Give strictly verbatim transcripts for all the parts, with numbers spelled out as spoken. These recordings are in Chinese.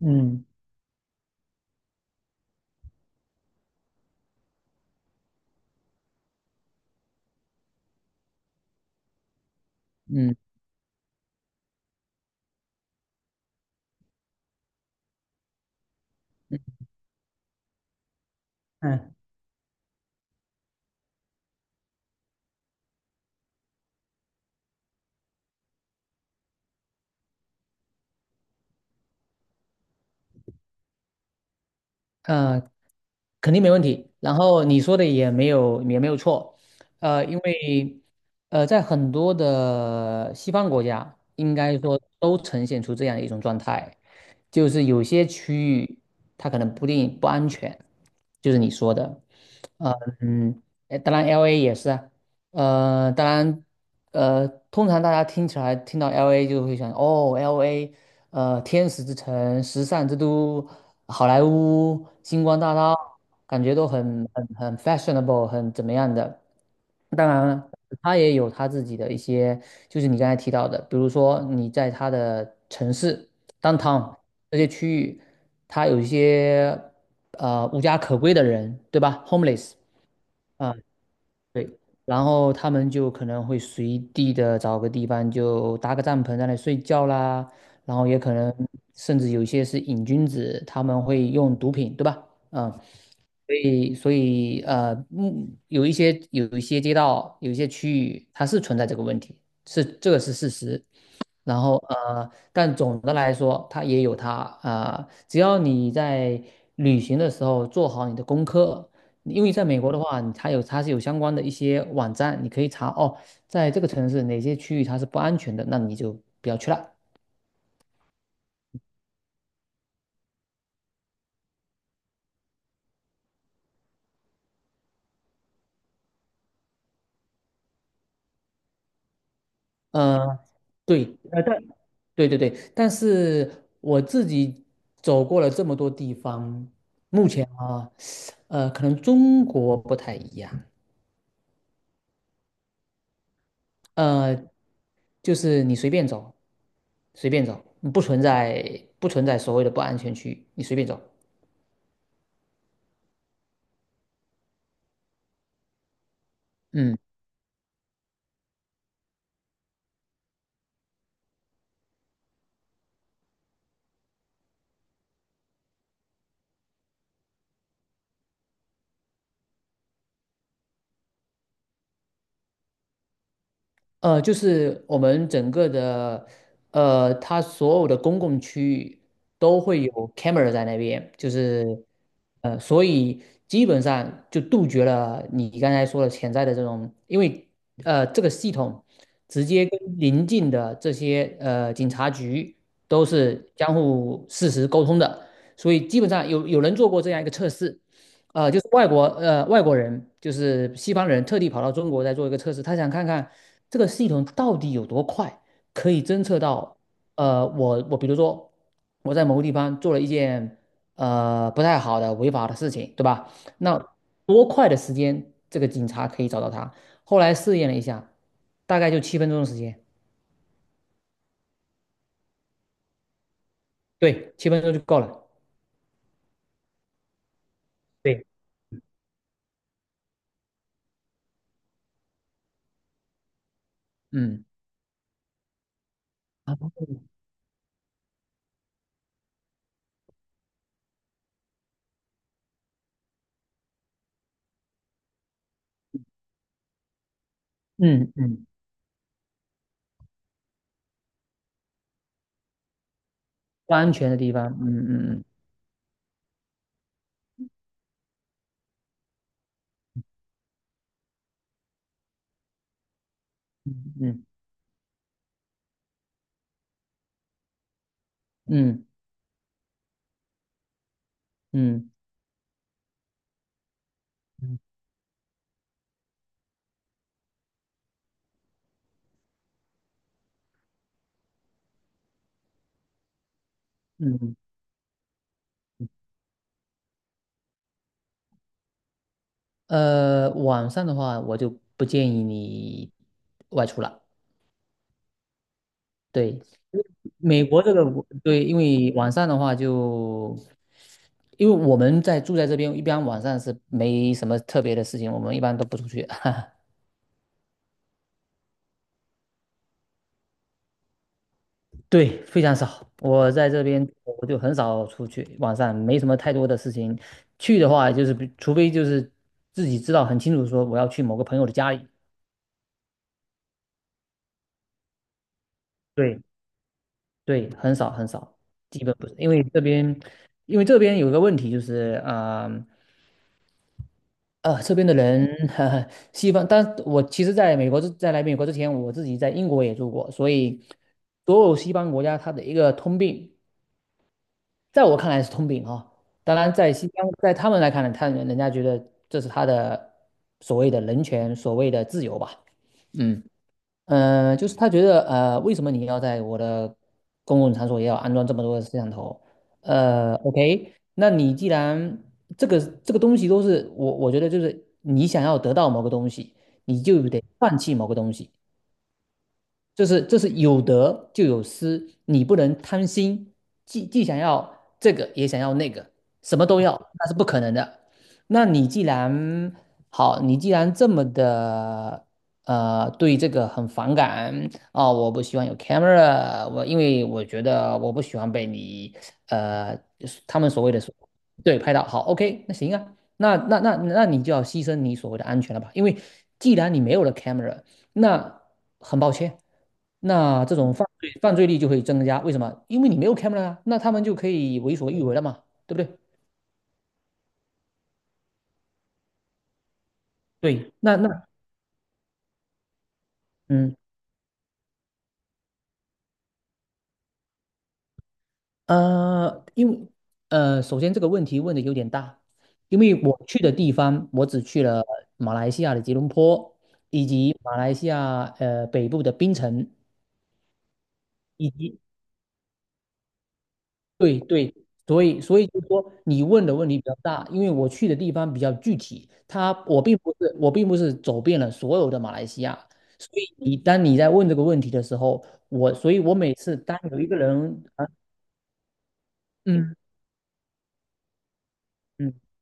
嗯嗯嗯嗯，呃，肯定没问题。然后你说的也没有也没有错，呃，因为呃，在很多的西方国家，应该说都呈现出这样一种状态，就是有些区域它可能不定不安全，就是你说的。呃嗯，呃当然 L A 也是啊。呃，当然，呃，通常大家听起来听到 L A 就会想，哦，L A。呃，天使之城、时尚之都、好莱坞、星光大道，感觉都很很很 fashionable，很怎么样的。当然，它也有它自己的一些，就是你刚才提到的，比如说你在它的城市 downtown 这些区域，它有一些呃无家可归的人，对吧？Homeless。啊。对，然后他们就可能会随地的找个地方就搭个帐篷在那里睡觉啦，然后也可能甚至有一些是瘾君子，他们会用毒品，对吧？嗯。所以所以呃，嗯，有一些有一些街道，有一些区域，它是存在这个问题，是这个是事实。然后呃，但总的来说，它也有它啊。只要你在旅行的时候做好你的功课，因为在美国的话，它有它是有相关的一些网站，你可以查哦，在这个城市哪些区域它是不安全的，那你就不要去了。嗯，对，呃，但对对对，但是我自己走过了这么多地方，目前啊，呃，可能中国不太一样。呃，就是你随便走，随便走，不存在不存在所谓的不安全区，你随便走。嗯。呃，就是我们整个的，呃，它所有的公共区域都会有 camera 在那边。就是，呃，所以基本上就杜绝了你刚才说的潜在的这种。因为呃，这个系统直接跟邻近的这些呃警察局都是相互实时沟通的。所以基本上有有人做过这样一个测试。呃，就是外国呃外国人，就是西方人特地跑到中国来做一个测试，他想看看这个系统到底有多快，可以侦测到。呃，我我比如说我在某个地方做了一件呃不太好的违法的事情，对吧？那多快的时间这个警察可以找到他？后来试验了一下，大概就七分钟的时间。对，七分钟就够了。对，嗯，啊嗯嗯，不安全的地方，嗯嗯嗯嗯嗯嗯。嗯嗯，嗯呃，晚上的话，我就不建议你外出了。对，美国这个我对，因为晚上的话就，因为我们在住在这边，一般晚上是没什么特别的事情，我们一般都不出去。对，非常少。我在这边我就很少出去，晚上没什么太多的事情。去的话，就是比除非就是自己知道很清楚，说我要去某个朋友的家里。对，对，很少很少，基本不是。因为这边，因为这边有个问题就是，啊、呃，这边的人，哈哈，西方，但我其实在美国之在来美国之前，我自己在英国也住过，所以所有西方国家它的一个通病，在我看来是通病哈、当然，在西方，在他们来看呢，他人人家觉得这是他的所谓的人权，所谓的自由吧。嗯。呃，就是他觉得，呃，为什么你要在我的公共场所也要安装这么多的摄像头？呃，OK，那你既然这个这个东西都是我，我觉得就是你想要得到某个东西，你就得放弃某个东西。就是这是有得就有失，你不能贪心，既既想要这个也想要那个，什么都要，那是不可能的。那你既然好，你既然这么的呃对这个很反感啊、我不喜欢有 camera，我因为我觉得我不喜欢被你呃他们所谓的所对拍到好，OK，那行啊，那那那那你就要牺牲你所谓的安全了吧？因为既然你没有了 camera，那很抱歉。那这种犯罪犯罪率就会增加。为什么？因为你没有 camera 啊，那他们就可以为所欲为了嘛，对不对？对，那那嗯呃，因为呃，首先这个问题问的有点大，因为我去的地方，我只去了马来西亚的吉隆坡，以及马来西亚呃北部的槟城，以及对对，所以所以就是说，你问的问题比较大，因为我去的地方比较具体，他我并不是我并不是走遍了所有的马来西亚，所以你当你在问这个问题的时候，我所以我每次当有一个人啊，嗯嗯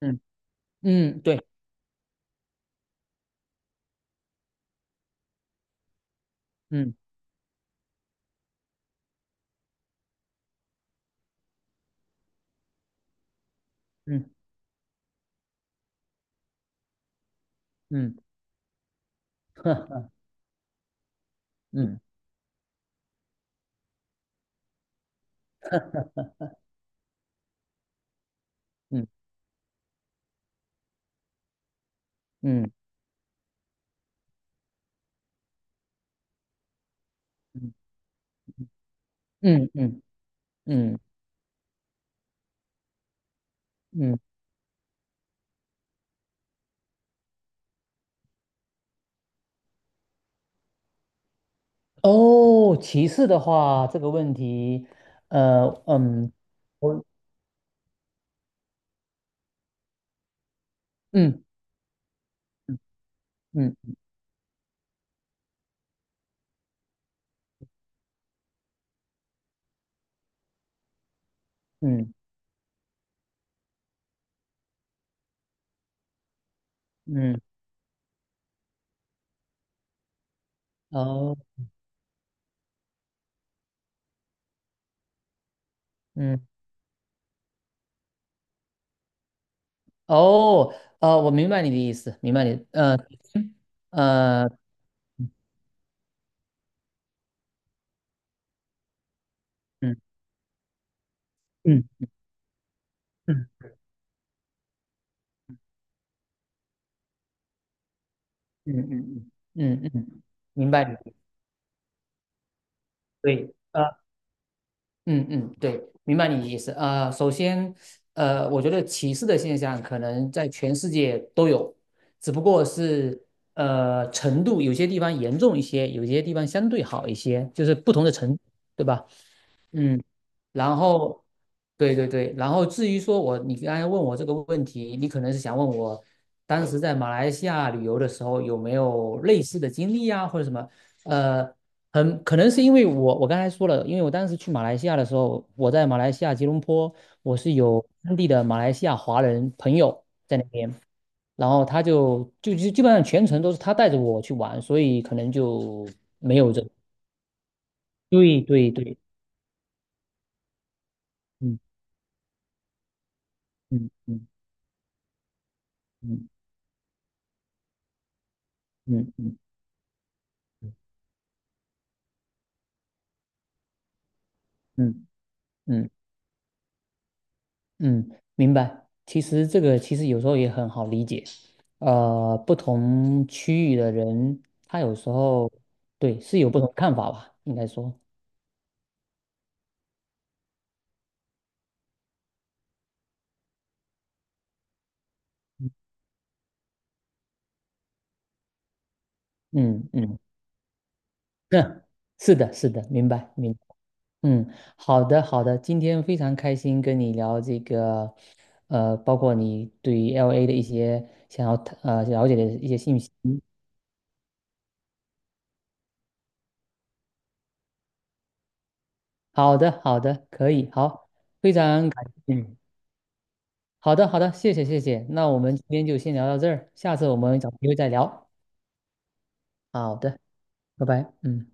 嗯嗯，对，嗯嗯嗯，嗯嗯嗯嗯嗯嗯嗯嗯，哦，歧视的话，这个问题，呃嗯，我嗯嗯嗯嗯嗯。哦，嗯，哦，呃，我明白你的意思，明白你，呃，呃，嗯嗯嗯嗯嗯嗯嗯，嗯明白你的对，呃，嗯嗯，对，明白你的意思。呃，首先，呃，我觉得歧视的现象可能在全世界都有，只不过是呃程度，有些地方严重一些，有些地方相对好一些，就是不同的程度对吧？嗯。然后，对对对，然后至于说我，你刚才问我这个问题，你可能是想问我，当时在马来西亚旅游的时候有没有类似的经历啊，或者什么？呃，很可能是因为我我刚才说了，因为我当时去马来西亚的时候，我在马来西亚吉隆坡，我是有当地的马来西亚华人朋友在那边，然后他就就就基本上全程都是他带着我去玩，所以可能就没有这个对对对，嗯嗯嗯嗯嗯嗯嗯。嗯嗯，明白。其实这个其实有时候也很好理解，呃，不同区域的人，他有时候对是有不同看法吧，应该说，嗯嗯，那是的，是的，明白明白。嗯，好的好的，今天非常开心跟你聊这个，呃，包括你对 L A 的一些想要呃了解的一些信息。好的好的，可以好，非常感谢。好的，好的，谢谢，谢谢。那我们今天就先聊到这儿，下次我们找机会再聊。好的，拜拜，嗯。